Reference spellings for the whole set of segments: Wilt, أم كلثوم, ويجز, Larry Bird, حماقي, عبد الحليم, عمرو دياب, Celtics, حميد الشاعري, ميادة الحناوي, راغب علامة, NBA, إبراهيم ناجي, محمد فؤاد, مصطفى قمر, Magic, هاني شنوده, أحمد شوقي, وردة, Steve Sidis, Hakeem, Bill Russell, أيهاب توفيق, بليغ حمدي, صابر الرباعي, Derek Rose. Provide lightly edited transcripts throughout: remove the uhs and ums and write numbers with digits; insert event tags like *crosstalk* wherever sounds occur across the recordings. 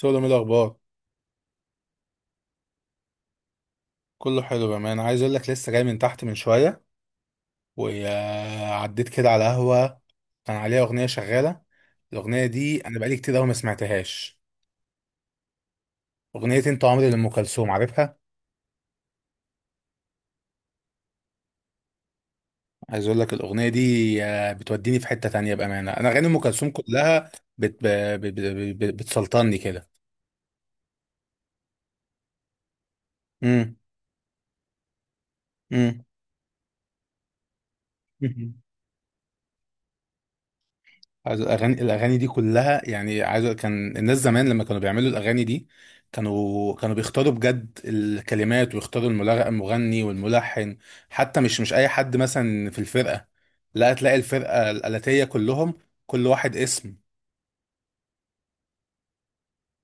سودا من الاخبار. كله حلو بامانه، عايز اقول لك لسه جاي من تحت من شويه، وعديت كده على قهوه كان عليها اغنيه شغاله. الاغنيه دي انا بقالي كتير قوي ما سمعتهاش. اغنيه انت عمري لام كلثوم، عارفها؟ عايز اقول لك الاغنيه دي بتوديني في حته تانية، بامانه انا اغاني ام كلثوم كلها بت... ب... ب... ب... ب... بتسلطني كده. امم امم *laughs* عايز الاغاني دي كلها، يعني كان الناس زمان لما كانوا بيعملوا الاغاني دي كانوا بيختاروا بجد الكلمات ويختاروا المغني والملحن. حتى مش اي حد مثلا في الفرقه، لا تلاقي الفرقه الآلاتية كلهم كل واحد اسم.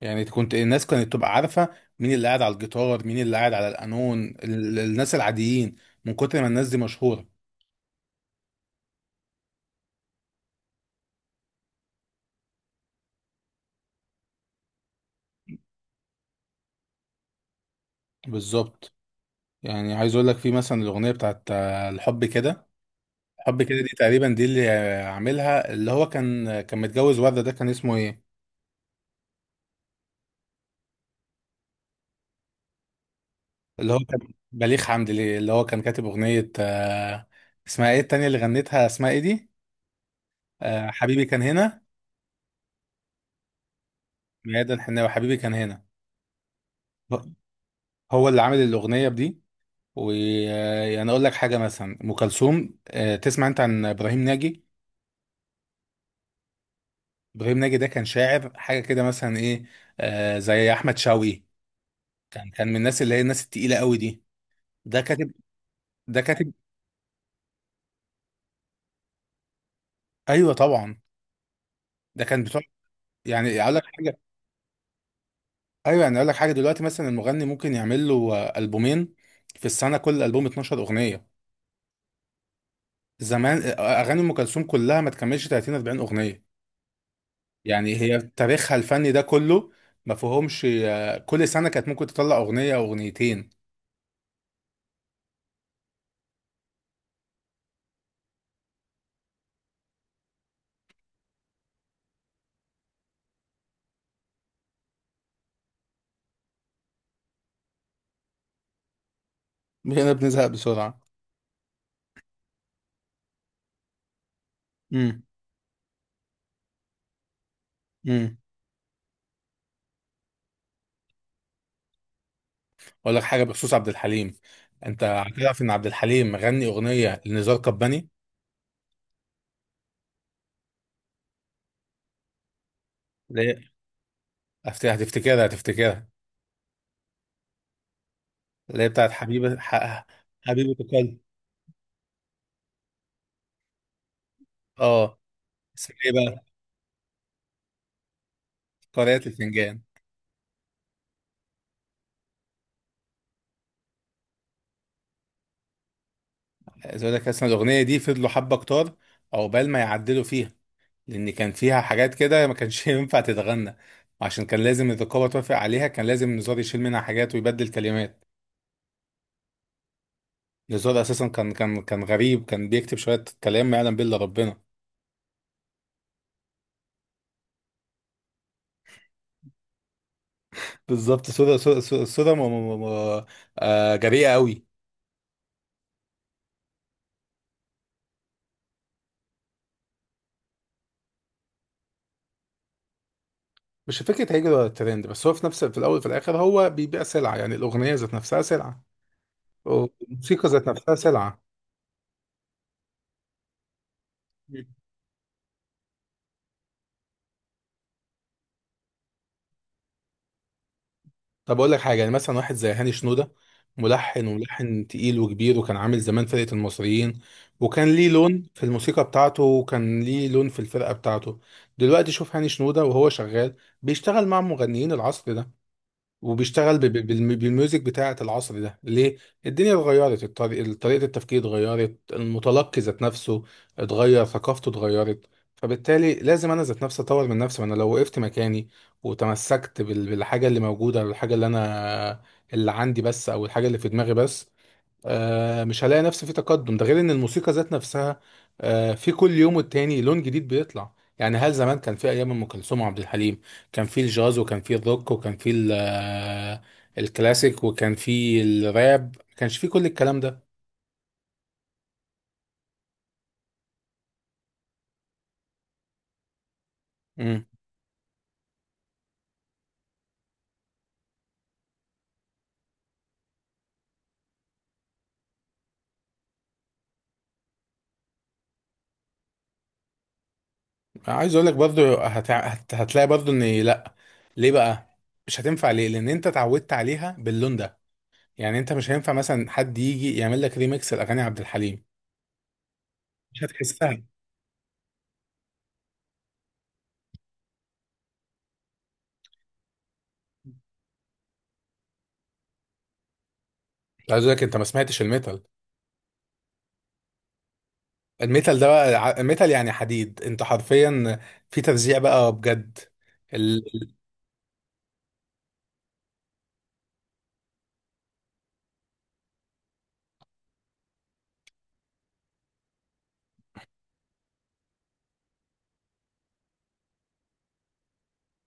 يعني كنت الناس كانت تبقى عارفه مين اللي قاعد على الجيتار مين اللي قاعد على القانون، الناس العاديين من كتر ما الناس دي مشهوره. بالظبط، يعني عايز اقول لك في مثلا الاغنيه بتاعت الحب كده، حب كده دي، تقريبا دي اللي عاملها، اللي هو كان متجوز وردة، ده كان اسمه ايه؟ اللي هو كان بليغ حمدي، ليه؟ اللي هو كان كاتب اغنية، اسمها ايه التانية اللي غنتها، اسمها ايه دي؟ حبيبي كان هنا. ميادة الحناوي، حبيبي كان هنا، هو اللي عامل الاغنية بدي. ويعني اقول لك حاجة، مثلا ام كلثوم، تسمع انت عن ابراهيم ناجي؟ ابراهيم ناجي ده كان شاعر حاجة كده مثلا، ايه، زي احمد شوقي. كان من الناس اللي هي الناس التقيلة قوي دي. ده كاتب، ده كاتب. ايوه طبعا. ده كان بتوع، يعني اقول لك حاجه. ايوه، يعني اقول لك حاجه، دلوقتي مثلا المغني ممكن يعمل له البومين في السنه، كل البوم 12 اغنيه. زمان اغاني ام كلثوم كلها ما تكملش 30 40 اغنيه. يعني هي تاريخها الفني ده كله ما فيهمش، كل سنه كانت ممكن تطلع اغنيه او اغنيتين. هنا بنزهق بسرعه. امم. امم. اقول لك حاجه بخصوص عبد الحليم، انت هتعرف ان عبد الحليم غني اغنيه لنزار قباني؟ ليه؟ هتفتكرها. اللي هي بتاعت حبيبة قلبي. اه، اسمها ايه بقى؟ قارئة الفنجان. عايز اقول لك، اصلا الاغنيه دي فضلوا حبه كتار عقبال ما يعدلوا فيها، لان كان فيها حاجات كده ما كانش *laughs* ينفع تتغنى، عشان كان لازم الرقابه توافق عليها، كان لازم نزار يشيل منها حاجات ويبدل كلمات. نزار اساسا كان غريب، كان بيكتب شويه كلام ما يعلم به الا ربنا. بالظبط، صوره صورة م- جريئه قوي. مش فكره هيجري ورا الترند، بس هو في نفس، في الاول وفي الاخر هو بيبيع سلعه، يعني الاغنيه ذات نفسها سلعه والموسيقى ذات نفسها سلعه. طب اقول لك حاجه، يعني مثلا واحد زي هاني شنوده، ملحن، وملحن تقيل وكبير، وكان عامل زمان فرقه المصريين، وكان ليه لون في الموسيقى بتاعته، وكان ليه لون في الفرقه بتاعته. دلوقتي شوف هاني شنوده وهو شغال، بيشتغل مع مغنيين العصر ده، وبيشتغل بالميوزك بتاعة العصر ده. ليه؟ الدنيا اتغيرت، طريقة التفكير اتغيرت، المتلقي ذات نفسه اتغير، ثقافته اتغيرت. فبالتالي لازم انا ذات نفسي اطور من نفسي، ما انا لو وقفت مكاني وتمسكت بالحاجة اللي موجودة، او الحاجة اللي انا اللي عندي بس، او الحاجة اللي في دماغي بس، مش هلاقي نفسي في تقدم. ده غير ان الموسيقى ذات نفسها في كل يوم والتاني لون جديد بيطلع. يعني هل زمان كان في ايام ام كلثوم وعبد الحليم كان في الجاز وكان في الروك وكان في الكلاسيك وكان في الراب؟ ما كانش في كل الكلام ده. امم. عايز اقول لك برضو هتلاقي برضو ان لا. ليه بقى؟ مش هتنفع ليه؟ لان انت اتعودت عليها باللون ده. يعني انت مش هينفع مثلا حد يجي يعمل لك ريميكس لاغاني عبد الحليم، مش هتحسها. عايز اقول لك، انت ما سمعتش الميتال؟ الميتال ده بقى ميتال يعني حديد، انت حرفيا في ترزيع بقى بجد. ال... ال-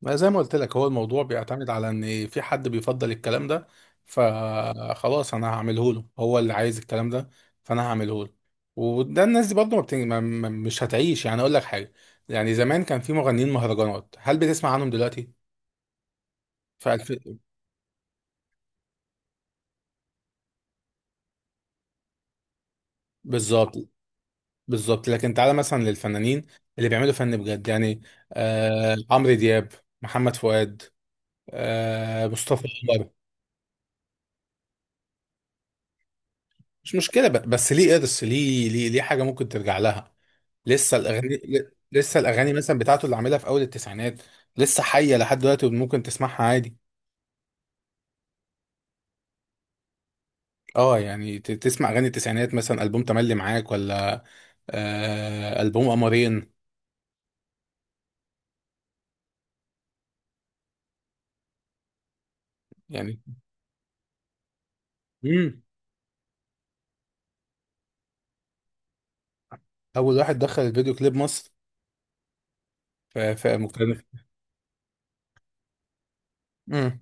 ما زي ما قلت لك، هو الموضوع بيعتمد على ان في حد بيفضل الكلام ده، فخلاص انا هعمله له، هو اللي عايز الكلام ده، فانا هعمله له. وده الناس دي برضه ما بتن... ما... ما- مش هتعيش. يعني اقول لك حاجه، يعني زمان كان في مغنيين مهرجانات، هل بتسمع عنهم دلوقتي؟ في الف... بالظبط. بالظبط، لكن تعالى مثلا للفنانين اللي بيعملوا فن بجد يعني، عمرو دياب، محمد فؤاد، آه، مصطفى قمر. مش مشكله، بس ليه قرص، ليه حاجه ممكن ترجع لها؟ لسه الاغاني مثلا بتاعته اللي عاملها في اول التسعينات لسه حيه لحد دلوقتي وممكن تسمعها عادي. اه، يعني تسمع اغاني التسعينات، مثلا البوم تملي معاك، ولا آه البوم قمرين يعني. امم. اول واحد دخل الفيديو كليب مصر، في مكان. امم.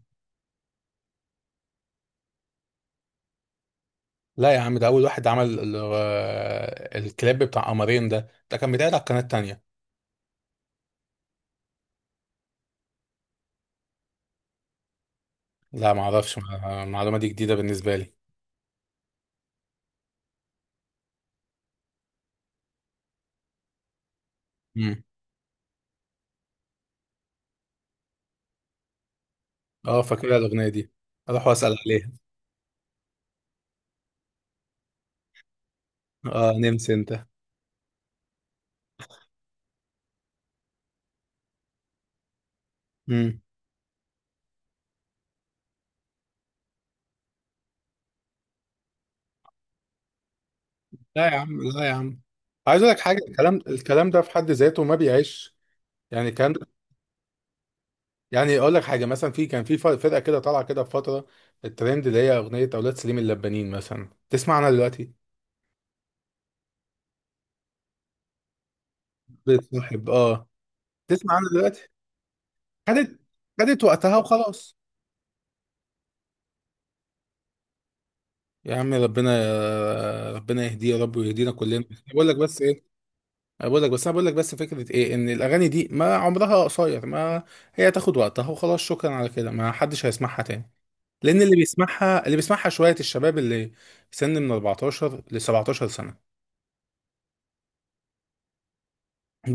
لا يا عم، ده اول واحد عمل الكليب بتاع قمرين. ده كان بيتعرض على القناه التانيه. لا، ما اعرفش، المعلومه دي جديده بالنسبه لي. مم. اه، فاكرها الاغنيه دي، اروح واسال عليها. اه نمس انت. مم. لا يا عم، لا يا عم، عايز اقول لك حاجه، الكلام ده في حد ذاته ما بيعيش. يعني الكلام ده، يعني اقول لك حاجه، مثلا في كان في فرقه كده طالعه كده في فتره الترند، اللي هي اغنيه اولاد سليم اللبانين، مثلا تسمع عنها دلوقتي؟ بتصاحب اه. تسمع عنها دلوقتي؟ خدت خدت وقتها وخلاص. يا عم ربنا، ربنا يهديه يا رب ويهدينا كلنا. بقول لك بس، ايه، أنا بقول لك بس، انا بقول لك بس فكره، ايه ان الاغاني دي، ما عمرها قصير، ما هي تاخد وقتها وخلاص، شكرا على كده ما حدش هيسمعها تاني، لان اللي بيسمعها، اللي بيسمعها شويه الشباب اللي سن من 14 ل 17 سنه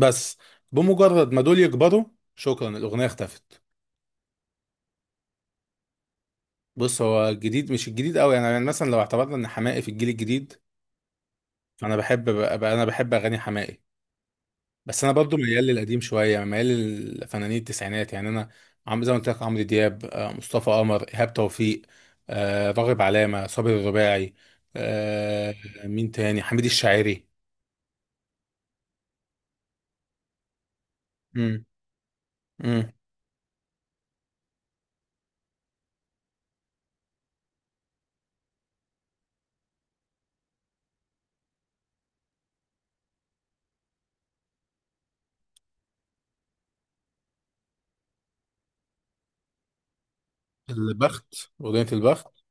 بس. بمجرد ما دول يكبروا، شكرا، الاغنيه اختفت. بص، هو الجديد مش الجديد قوي يعني مثلا لو اعتبرنا ان حماقي في الجيل الجديد، فانا بحب بقى، انا بحب اغاني حماقي، بس انا برضو ميال للقديم شويه، يعني ميال للفنانين التسعينات. يعني انا عم زي ما قلت لك، عمرو دياب، مصطفى قمر، ايهاب توفيق، راغب علامه، صابر الرباعي، آه، مين تاني، حميد الشاعري. امم. امم. البخت، اغنيه البخت.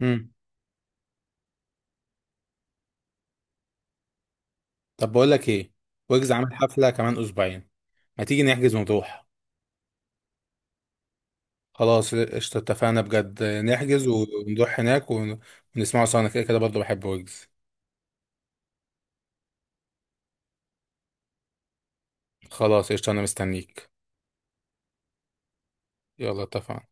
امم. طب بقول لك ايه، ويجز عامل حفله كمان اسبوعين، ما تيجي نحجز ونروح؟ خلاص قشطه، اتفقنا بجد، نحجز ونروح هناك ونسمعه سوا، انا كده كده برضه بحب ويجز. خلاص قشطه، انا مستنيك. يلا اتفقنا.